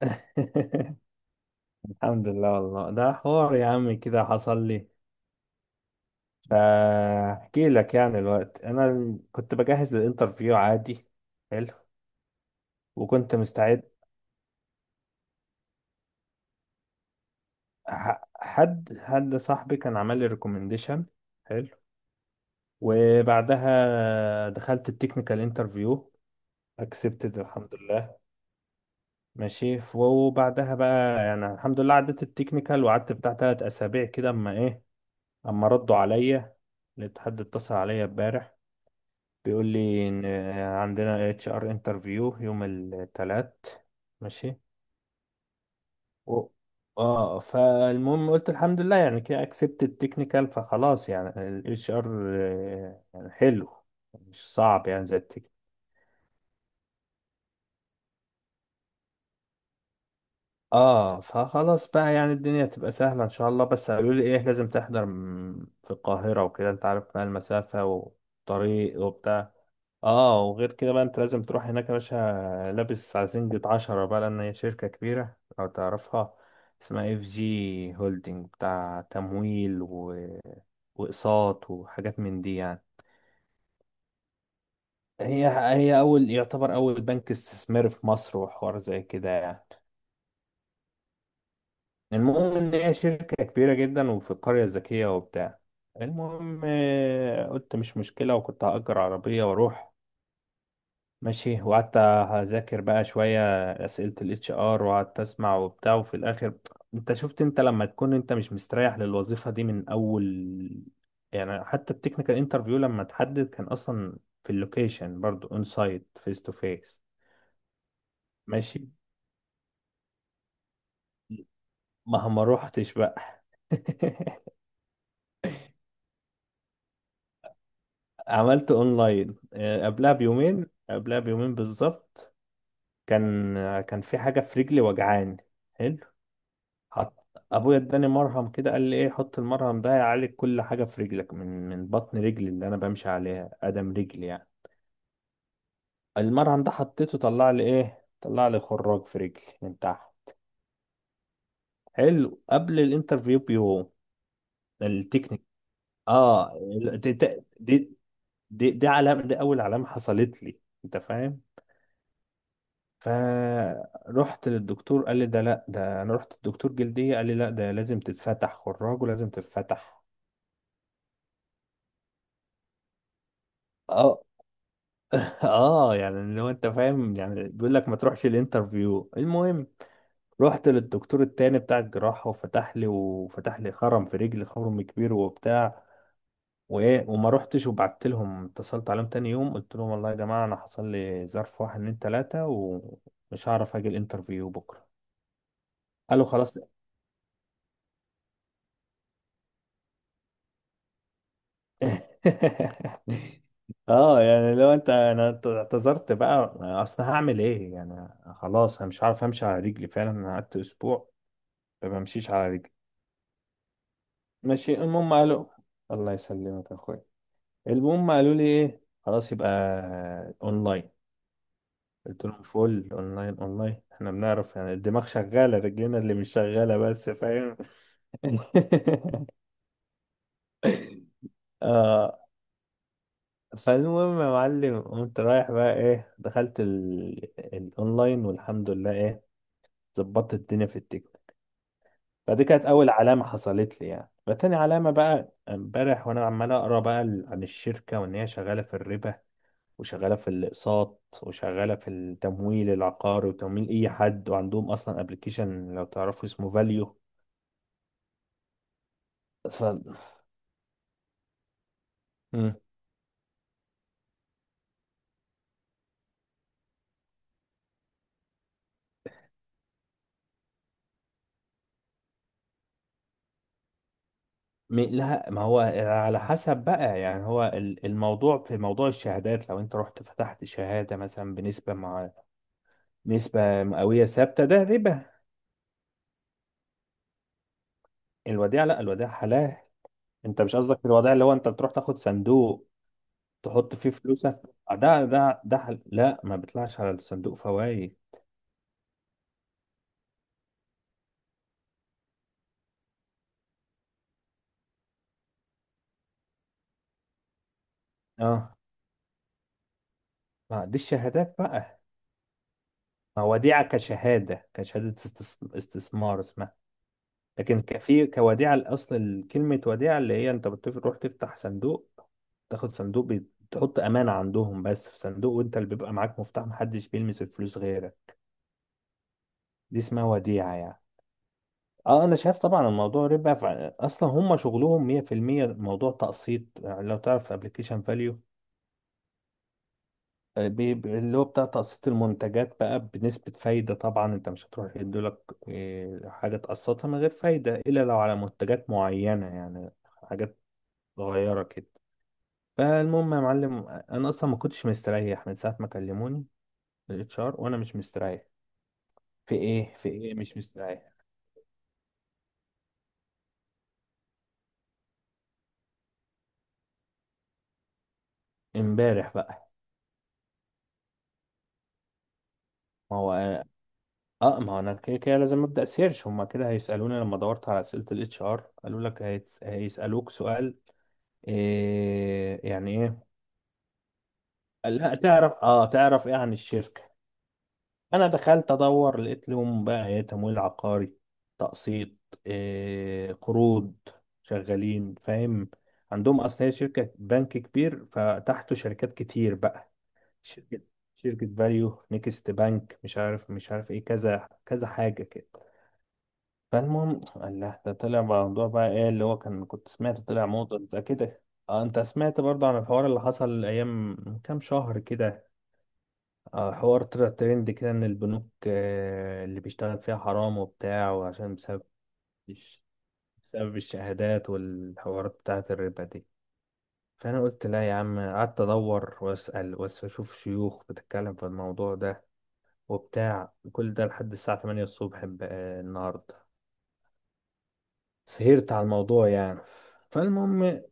الحمد لله والله ده حوار يا عم كده حصل لي. فاحكي لك يعني الوقت انا كنت بجهز للانترفيو عادي. حلو وكنت مستعد. حد صاحبي كان عمل لي ريكومنديشن. حلو. وبعدها دخلت التكنيكال انترفيو، اكسبتد الحمد لله. ماشي، وبعدها بقى يعني الحمد لله عدت التكنيكال، وقعدت بتاع تلات اسابيع كده اما ايه، اما ردوا عليا. لقيت حد اتصل عليا امبارح بيقول لي ان عندنا اتش ار انترفيو يوم الثلاث. ماشي. و... اه فالمهم قلت الحمد لله، يعني كده اكسبت التكنيكال، فخلاص يعني الاتش ار يعني حلو، مش صعب يعني زي التكنيكال. اه فخلاص بقى يعني الدنيا تبقى سهلة ان شاء الله، بس قالوا لي ايه لازم تحضر في القاهرة وكده، انت عارف بقى المسافة والطريق وبتاع. اه وغير كده بقى انت لازم تروح هناك يا باشا، لابس عزينجة عشرة بقى، لان هي شركة كبيرة لو تعرفها. اسمها اف جي هولدنج بتاع تمويل واقساط وحاجات من دي يعني. هي اول، يعتبر اول بنك استثماري في مصر، وحوار زي كده يعني. المهم ان هي شركة كبيرة جدا وفي القرية الذكية وبتاع. المهم قلت مش مشكلة، وكنت هأجر عربية واروح. ماشي وقعدت اذاكر بقى شويه اسئله الاتش ار، وقعدت اسمع وبتاع، وفي الاخر انت شفت، انت لما تكون انت مش مستريح للوظيفه دي من اول، يعني حتى التكنيكال انترفيو لما تحدد كان اصلا في اللوكيشن برضو اون سايت فيس تو فيس. ماشي. ما روحتش بقى. عملت اونلاين، قبلها بيومين، قبلها بيومين بالظبط. كان كان في حاجه في رجلي وجعان. حط ابويا اداني مرهم كده، قال لي ايه حط المرهم ده يعالج كل حاجه في رجلك، من بطن رجلي اللي انا بمشي عليها ادم رجلي يعني. المرهم ده حطيته، طلع لي ايه، طلع لي خراج في رجلي من تحت. حلو، قبل الانترفيو بيوم. التكنيك. اه دي دي علامه، دي اول علامه حصلت لي، انت فاهم. فرحت للدكتور قال لي ده لا، ده انا رحت للدكتور جلديه قال لي لا ده لازم تتفتح خراج ولازم تتفتح. اه. اه يعني لو انت فاهم يعني بيقول لك ما تروحش الانترفيو. المهم رحت للدكتور التاني بتاع الجراحة، وفتح لي وفتح لي خرم في رجلي، خرم كبير وبتاع. وايه، وما رحتش، وبعت لهم، اتصلت عليهم تاني يوم قلت لهم والله يا جماعة انا حصل لي ظرف واحد اتنين تلاتة ومش هعرف اجي الانترفيو بكرة. قالوا خلاص. اه يعني لو انت، انا اعتذرت بقى، اصل هعمل ايه يعني، خلاص انا مش عارف امشي على رجلي، فعلا انا قعدت اسبوع ما بمشيش على رجلي. ماشي المهم قالوا. الله يسلمك يا اخويا. المهم قالوا لي ايه خلاص يبقى اونلاين. قلت لهم فول اونلاين، اونلاين احنا بنعرف يعني، الدماغ شغاله رجلنا اللي مش شغاله بس، فاهم. اه. فالمهم يا معلم قمت رايح بقى ايه، دخلت الاونلاين والحمد لله ايه، ظبطت الدنيا في التيكت. فدي كانت اول علامه حصلت لي يعني. فتاني علامه بقى امبارح وانا عمال اقرا بقى عن الشركه، وان هي شغاله في الربا وشغالة في الأقساط وشغالة في التمويل العقاري وتمويل أي حد، وعندهم أصلا ابلكيشن لو تعرفوا اسمه فاليو. ف. مم. لا ما هو على حسب بقى يعني، هو الموضوع في موضوع الشهادات، لو انت رحت فتحت شهادة مثلا بنسبة مع، نسبة مئوية ثابتة ده ربا. الوديعة لا، الوديعة حلال. انت مش قصدك في الوديعة اللي هو انت بتروح تاخد صندوق تحط فيه فلوسك؟ آه، ده حل... لا ما بيطلعش على الصندوق فوائد. اه ما دي الشهادات بقى، ما وديعة كشهادة، كشهادة استثمار اسمها. لكن كفي كوديعة، الأصل كلمة وديعة اللي هي أنت بتروح تفتح صندوق، تاخد صندوق تحط أمانة عندهم بس في صندوق، وأنت اللي بيبقى معاك مفتاح، محدش بيلمس الفلوس غيرك. دي اسمها وديعة يعني. اه انا شايف طبعا الموضوع ربا، اصلا هم شغلهم 100% موضوع تقسيط يعني. لو تعرف ابلكيشن فاليو، اللي هو بتاع تقسيط المنتجات بقى بنسبة فايدة، طبعا انت مش هتروح يدولك حاجة تقسطها من غير فايدة إلا لو على منتجات معينة يعني، حاجات صغيرة كده. فالمهم يا معلم أنا أصلا ما كنتش مستريح من ساعة ما كلموني الاتش ار، وأنا مش مستريح في إيه، في إيه مش مستريح. امبارح بقى. ما هو اه، ما هو انا كده كده لازم ابدا سيرش، هما كده هيسالوني، لما دورت على اسئله الاتش ار قالوا لك هيسالوك سؤال إيه، يعني ايه. لا، تعرف اه، تعرف ايه عن الشركة. انا دخلت ادور لقيت لهم بقى ايه تمويل عقاري، تقسيط، إيه قروض، شغالين فاهم. عندهم اصل هي شركة بنك كبير فتحته شركات كتير بقى. شركة، شركة فاليو، نيكست بنك، مش عارف مش عارف ايه كذا كذا حاجة كده. فالمهم الله، ده طلع موضوع بقى ايه اللي هو كان كنت سمعت، طلع موضوع ده كده. اه انت سمعت برضه عن الحوار اللي حصل ايام من كام شهر كده؟ حوار طلع ترند كده ان البنوك اللي بيشتغل فيها حرام وبتاع، وعشان بسبب، الش- بسبب الشهادات والحوارات بتاعة الربا دي. فانا قلت لا يا عم، قعدت ادور واسال واشوف شيوخ بتتكلم في الموضوع ده وبتاع، وكل ده لحد الساعة 8 الصبح النهارده، سهرت على الموضوع يعني. فالمهم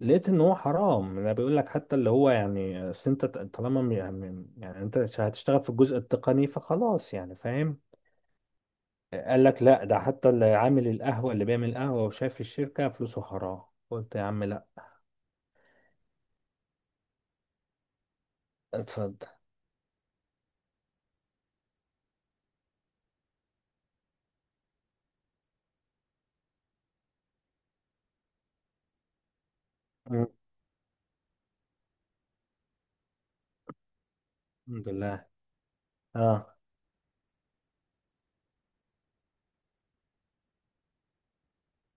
لقيت ان هو حرام. انا بيقول لك حتى اللي هو يعني، أصل انت طالما يعني يعني انت هتشتغل في الجزء التقني فخلاص يعني فاهم، قال لك لا ده حتى اللي عامل القهوة اللي بيعمل قهوة وشايف الشركة فلوسه حرام. قلت يا عم لا. اتفضل. مم. الحمد لله. اه.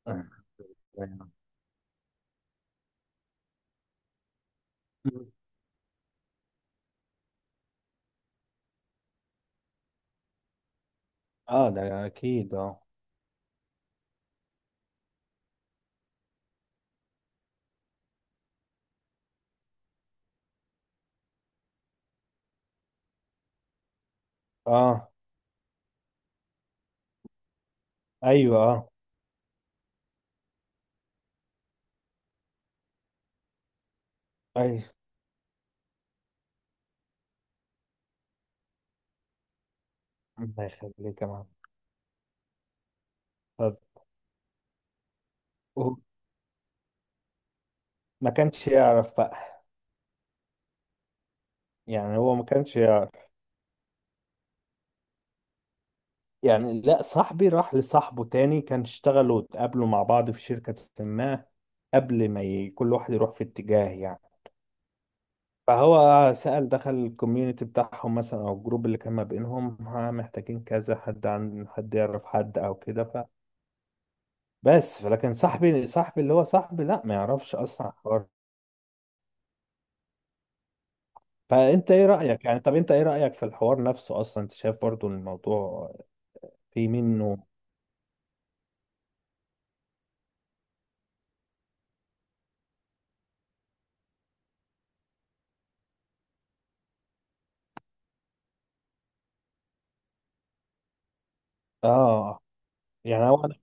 اه. مم. ده اكيد اه. اه. ايوه اه. ايوه الله يخليك يا معلم. اتفضل. هو ما كانش يعرف بقى، يعني هو ما كانش يعرف. يعني لا، صاحبي راح لصاحبه تاني، كان اشتغلوا واتقابلوا مع بعض في شركة ما، قبل ما ي... كل واحد يروح في اتجاه يعني. فهو سأل دخل الكوميونتي بتاعهم مثلا او الجروب اللي كان ما بينهم، ها محتاجين كذا حد، عن حد يعرف حد او كده. ف، بس فلكن صاحبي، صاحبي اللي هو صاحبي لا ما يعرفش اصلا الحوار. فانت ايه رأيك يعني، طب انت ايه رأيك في الحوار نفسه اصلا، انت شايف برضو إن الموضوع في منه؟ اه يعني هو انا،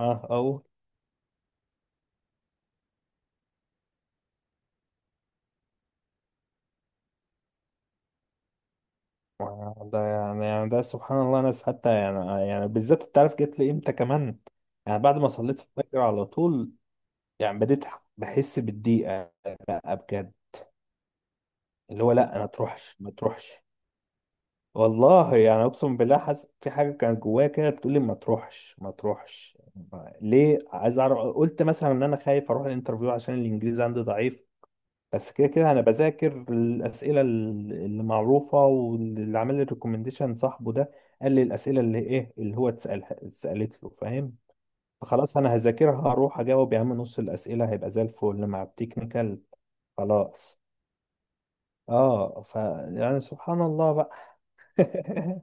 اه او. ده يعني يعني ده سبحان الله، ناس حتى يعني يعني بالذات، انت عارف جت لي امتى كمان؟ يعني بعد ما صليت الفجر على طول. يعني بديت بحس بالضيقة بقى بجد، اللي هو لا ما تروحش ما تروحش. والله يعني اقسم بالله حاسس في حاجة كانت جوايا كده بتقول لي ما تروحش ما تروحش، ليه عايز اعرف، قلت مثلا ان انا خايف اروح الانترفيو عشان الانجليزي عندي ضعيف، بس كده كده انا بذاكر الاسئله اللي معروفه، واللي عامل لي ريكومنديشن صاحبه ده قال لي الاسئله اللي ايه اللي هو اتسالها، اتسالت له فاهم؟ فخلاص انا هذاكرها هروح اجاوب، يا عم نص الاسئله هيبقى زي الفل مع التكنيكال. خلاص. اه ف، يعني سبحان الله بقى.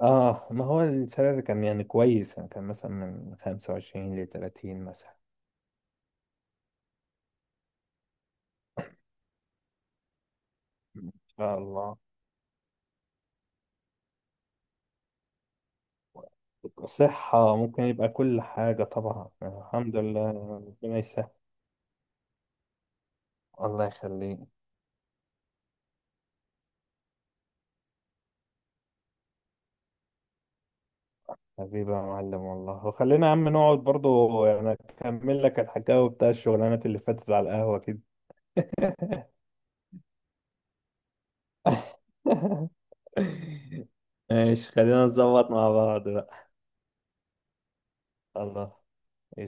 اه ما هو السعر كان يعني كويس، يعني كان مثلا من 25 ل 30 مثلا. ان شاء الله. صحة، ممكن يبقى كل حاجة طبعا يعني الحمد لله ربنا يسهل. الله يخليك حبيبي يا معلم والله، وخلينا يا عم نقعد برضو يعني أكمل لك الحكاوي بتاع الشغلانات اللي فاتت على القهوة كده. ماشي، خلينا نظبط مع بعض بقى. الله.